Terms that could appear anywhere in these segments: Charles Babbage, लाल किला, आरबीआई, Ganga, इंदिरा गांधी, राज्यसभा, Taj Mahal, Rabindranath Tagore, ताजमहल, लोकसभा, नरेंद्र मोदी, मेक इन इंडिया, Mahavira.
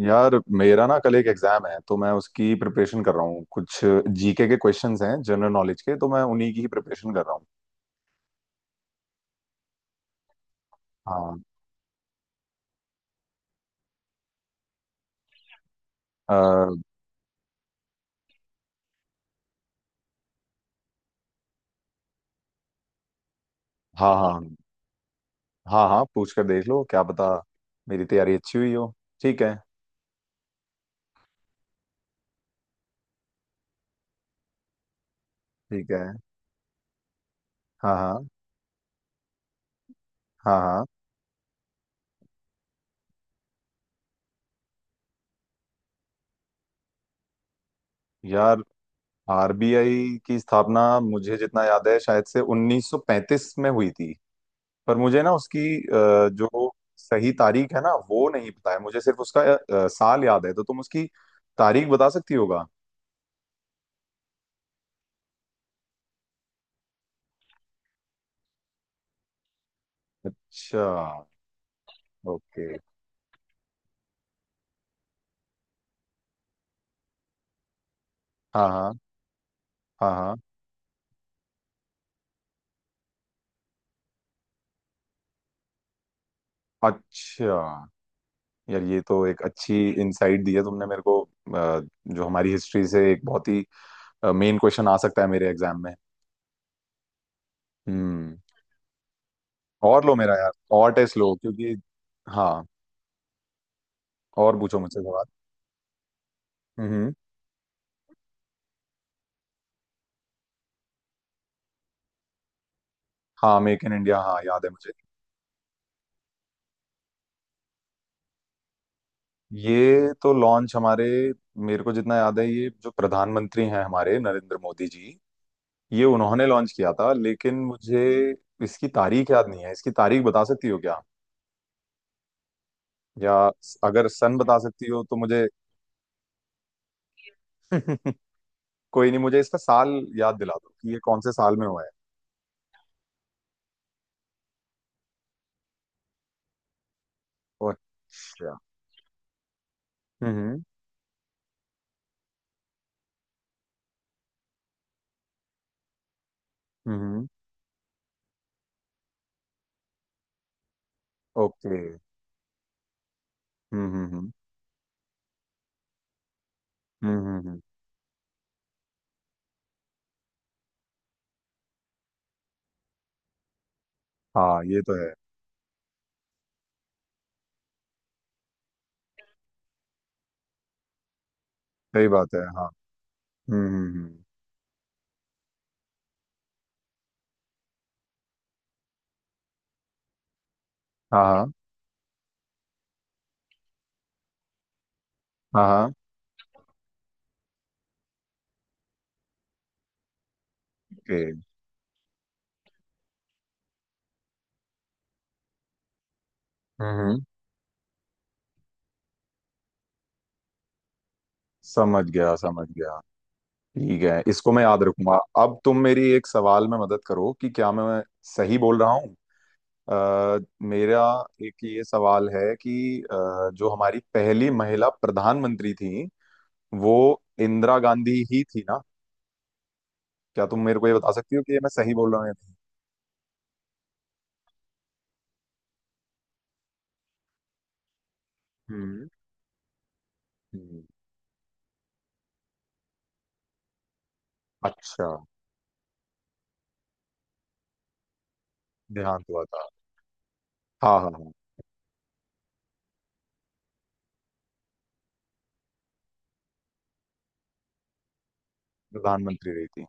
यार, मेरा ना कल एक एग्जाम है तो मैं उसकी प्रिपरेशन कर रहा हूँ। कुछ जीके के क्वेश्चंस हैं, जनरल नॉलेज के, तो मैं उन्हीं की ही प्रिपरेशन कर रहा हूँ। हाँ। अ, हाँ हाँ। हाँ हाँ, पूछ कर देख लो क्या पता मेरी तैयारी अच्छी हुई हो। ठीक है। ठीक है। हाँ हाँ हाँ हाँ। यार, आरबीआई की स्थापना मुझे जितना याद है शायद से 1935 में हुई थी। पर मुझे ना उसकी जो सही तारीख है ना वो नहीं पता है। मुझे सिर्फ उसका साल याद है तो तुम उसकी तारीख बता सकती होगा। अच्छा। ओके। हाँ हाँ। हाँ हाँ। अच्छा। यार, ये तो एक अच्छी इनसाइट दी है तुमने मेरे को। जो हमारी हिस्ट्री से एक बहुत ही मेन क्वेश्चन आ सकता है मेरे एग्जाम में। हम्म। और लो मेरा यार, और टेस्ट लो, क्योंकि हाँ, और पूछो मुझसे सवाल। हम्म। हाँ, मेक इन इंडिया, हाँ याद है मुझे। ये तो लॉन्च हमारे, मेरे को जितना याद है ये जो प्रधानमंत्री हैं हमारे नरेंद्र मोदी जी, ये उन्होंने लॉन्च किया था। लेकिन मुझे इसकी तारीख याद नहीं है। इसकी तारीख बता सकती हो क्या? या अगर सन बता सकती हो तो मुझे। कोई नहीं, मुझे इसका साल याद दिला दो कि ये कौन से साल में हुआ है। ओ, अच्छा। हम्म हम्म। ओके। हम्म। हम्म हम्म, हम्म। हाँ ये तो है। सही बात है, हाँ। हम्म। हाँ हाँ हाँ हाँ। ओके। हम्म हम्म। समझ गया समझ गया। ठीक है, इसको मैं याद रखूंगा। अब तुम मेरी एक सवाल में मदद करो कि क्या मैं सही बोल रहा हूँ। मेरा एक ये सवाल है कि जो हमारी पहली महिला प्रधानमंत्री थी वो इंदिरा गांधी ही थी ना? क्या तुम मेरे को ये बता सकती हो कि ये मैं सही बोल रहा हूँ या नहीं? हम्म। हम्म। अच्छा, देहांत हुआ था। हाँ हाँ हाँ। प्रधानमंत्री रही थी।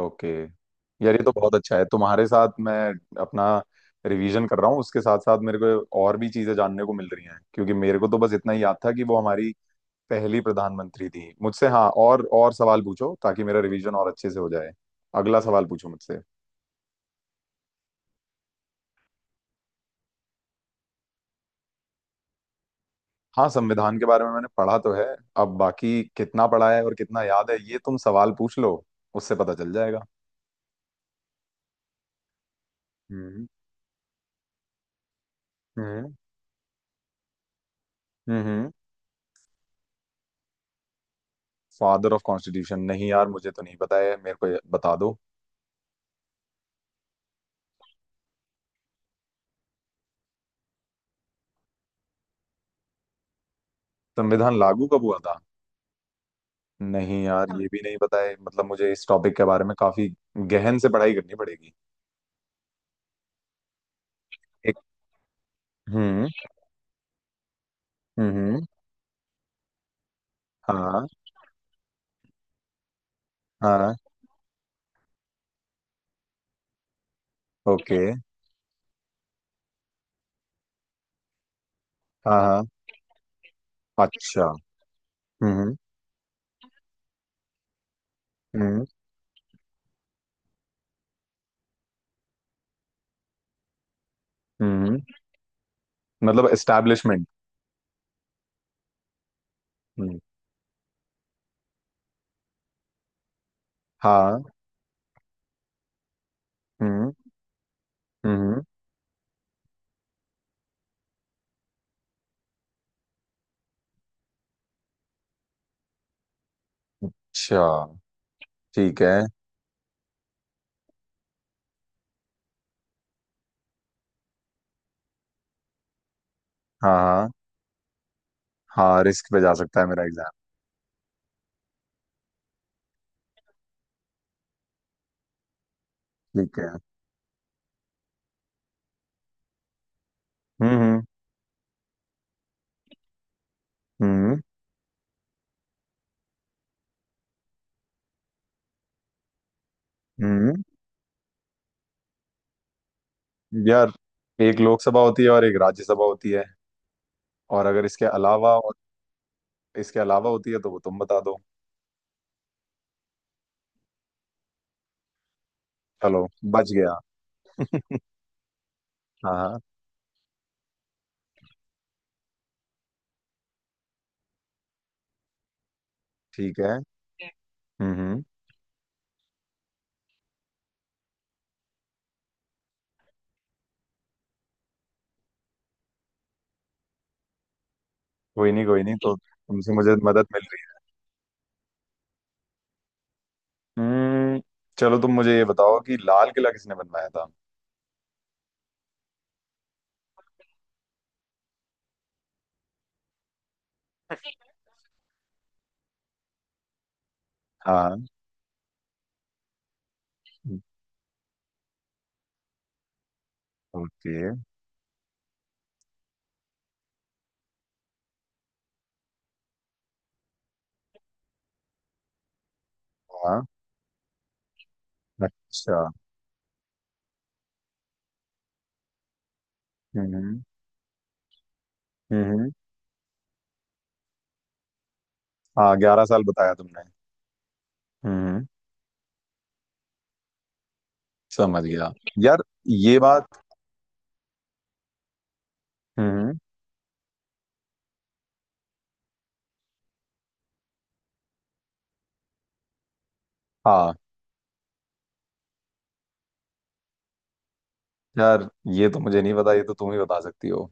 ओके। यार, ये तो बहुत अच्छा है। तुम्हारे साथ मैं अपना रिवीजन कर रहा हूँ, उसके साथ साथ मेरे को और भी चीजें जानने को मिल रही हैं। क्योंकि मेरे को तो बस इतना ही याद था कि वो हमारी पहली प्रधानमंत्री थी मुझसे। हाँ, और सवाल पूछो ताकि मेरा रिवीजन और अच्छे से हो जाए। अगला सवाल पूछो मुझसे। हाँ, संविधान के बारे में मैंने पढ़ा तो है। अब बाकी कितना पढ़ा है और कितना याद है ये तुम सवाल पूछ लो, उससे पता चल जाएगा। हम्म हम्म हम्म। फादर ऑफ कॉन्स्टिट्यूशन नहीं यार, मुझे तो नहीं पता है, मेरे को ये बता दो। संविधान लागू कब हुआ था? नहीं यार, ये भी नहीं पता है। मतलब मुझे इस टॉपिक के बारे में काफी गहन से पढ़ाई करनी पड़ेगी। एक। हम्म हम्म। हाँ हाँ। ओके। हाँ हाँ। अच्छा। हम्म हम्म हम्म। मतलब एस्टैब्लिशमेंट। हम्म। हाँ। हम्म हम्म। अच्छा, ठीक है। हाँ हाँ। हाँ, रिस्क पे जा सकता है मेरा एग्जाम। ठीक है। हम्म हम्म हम्म हम्म। यार, एक लोकसभा होती है और एक राज्यसभा होती है। और अगर इसके अलावा और इसके अलावा होती है तो वो तुम बता दो। चलो, बच गया। हाँ हाँ। ठीक है। हम्म। कोई नहीं कोई नहीं, तो तुमसे मुझे मदद मिल रही है। हम्म। चलो, तुम मुझे ये बताओ कि लाल किला किसने बनवाया था। हाँ। ओके। हाँ। अच्छा। हम्म हम्म। हाँ, 11 साल बताया तुमने। हम्म। समझ गया। यार ये बात। हम्म। हाँ। यार, ये तो मुझे नहीं पता, ये तो तुम ही बता सकती हो।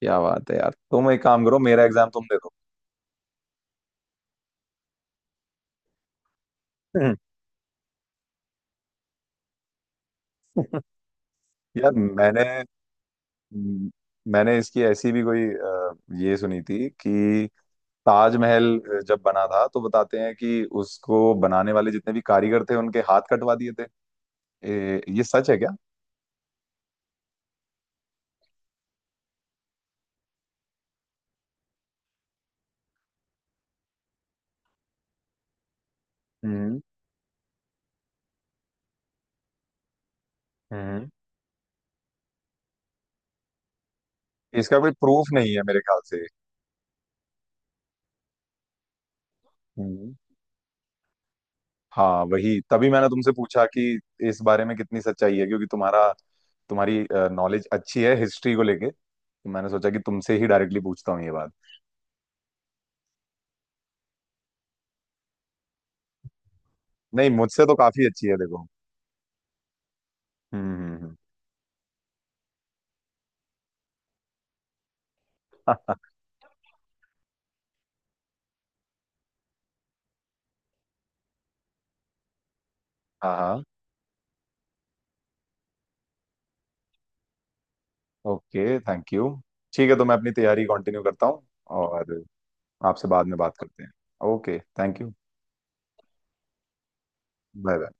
क्या बात है यार, तुम एक काम करो, मेरा एग्जाम तुम दे दो। हम्म। यार, मैंने मैंने इसकी ऐसी भी कोई ये सुनी थी कि ताजमहल जब बना था तो बताते हैं कि उसको बनाने वाले जितने भी कारीगर थे उनके हाथ कटवा दिए थे। ए, ये सच है क्या? हम्म। इसका कोई प्रूफ नहीं है मेरे ख्याल से। हम्म। हाँ वही, तभी मैंने तुमसे पूछा कि इस बारे में कितनी सच्चाई है। क्योंकि तुम्हारा, तुम्हारी नॉलेज अच्छी है हिस्ट्री को लेके, तो मैंने सोचा कि तुमसे ही डायरेक्टली पूछता हूँ ये बात। नहीं, मुझसे तो काफी अच्छी है देखो। हम्म हम्म, हम्म। हाँ हाँ। Okay, thank you. ठीक है, तो मैं अपनी तैयारी कंटिन्यू करता हूँ और आपसे बाद में बात करते हैं। Okay, thank you. Bye bye.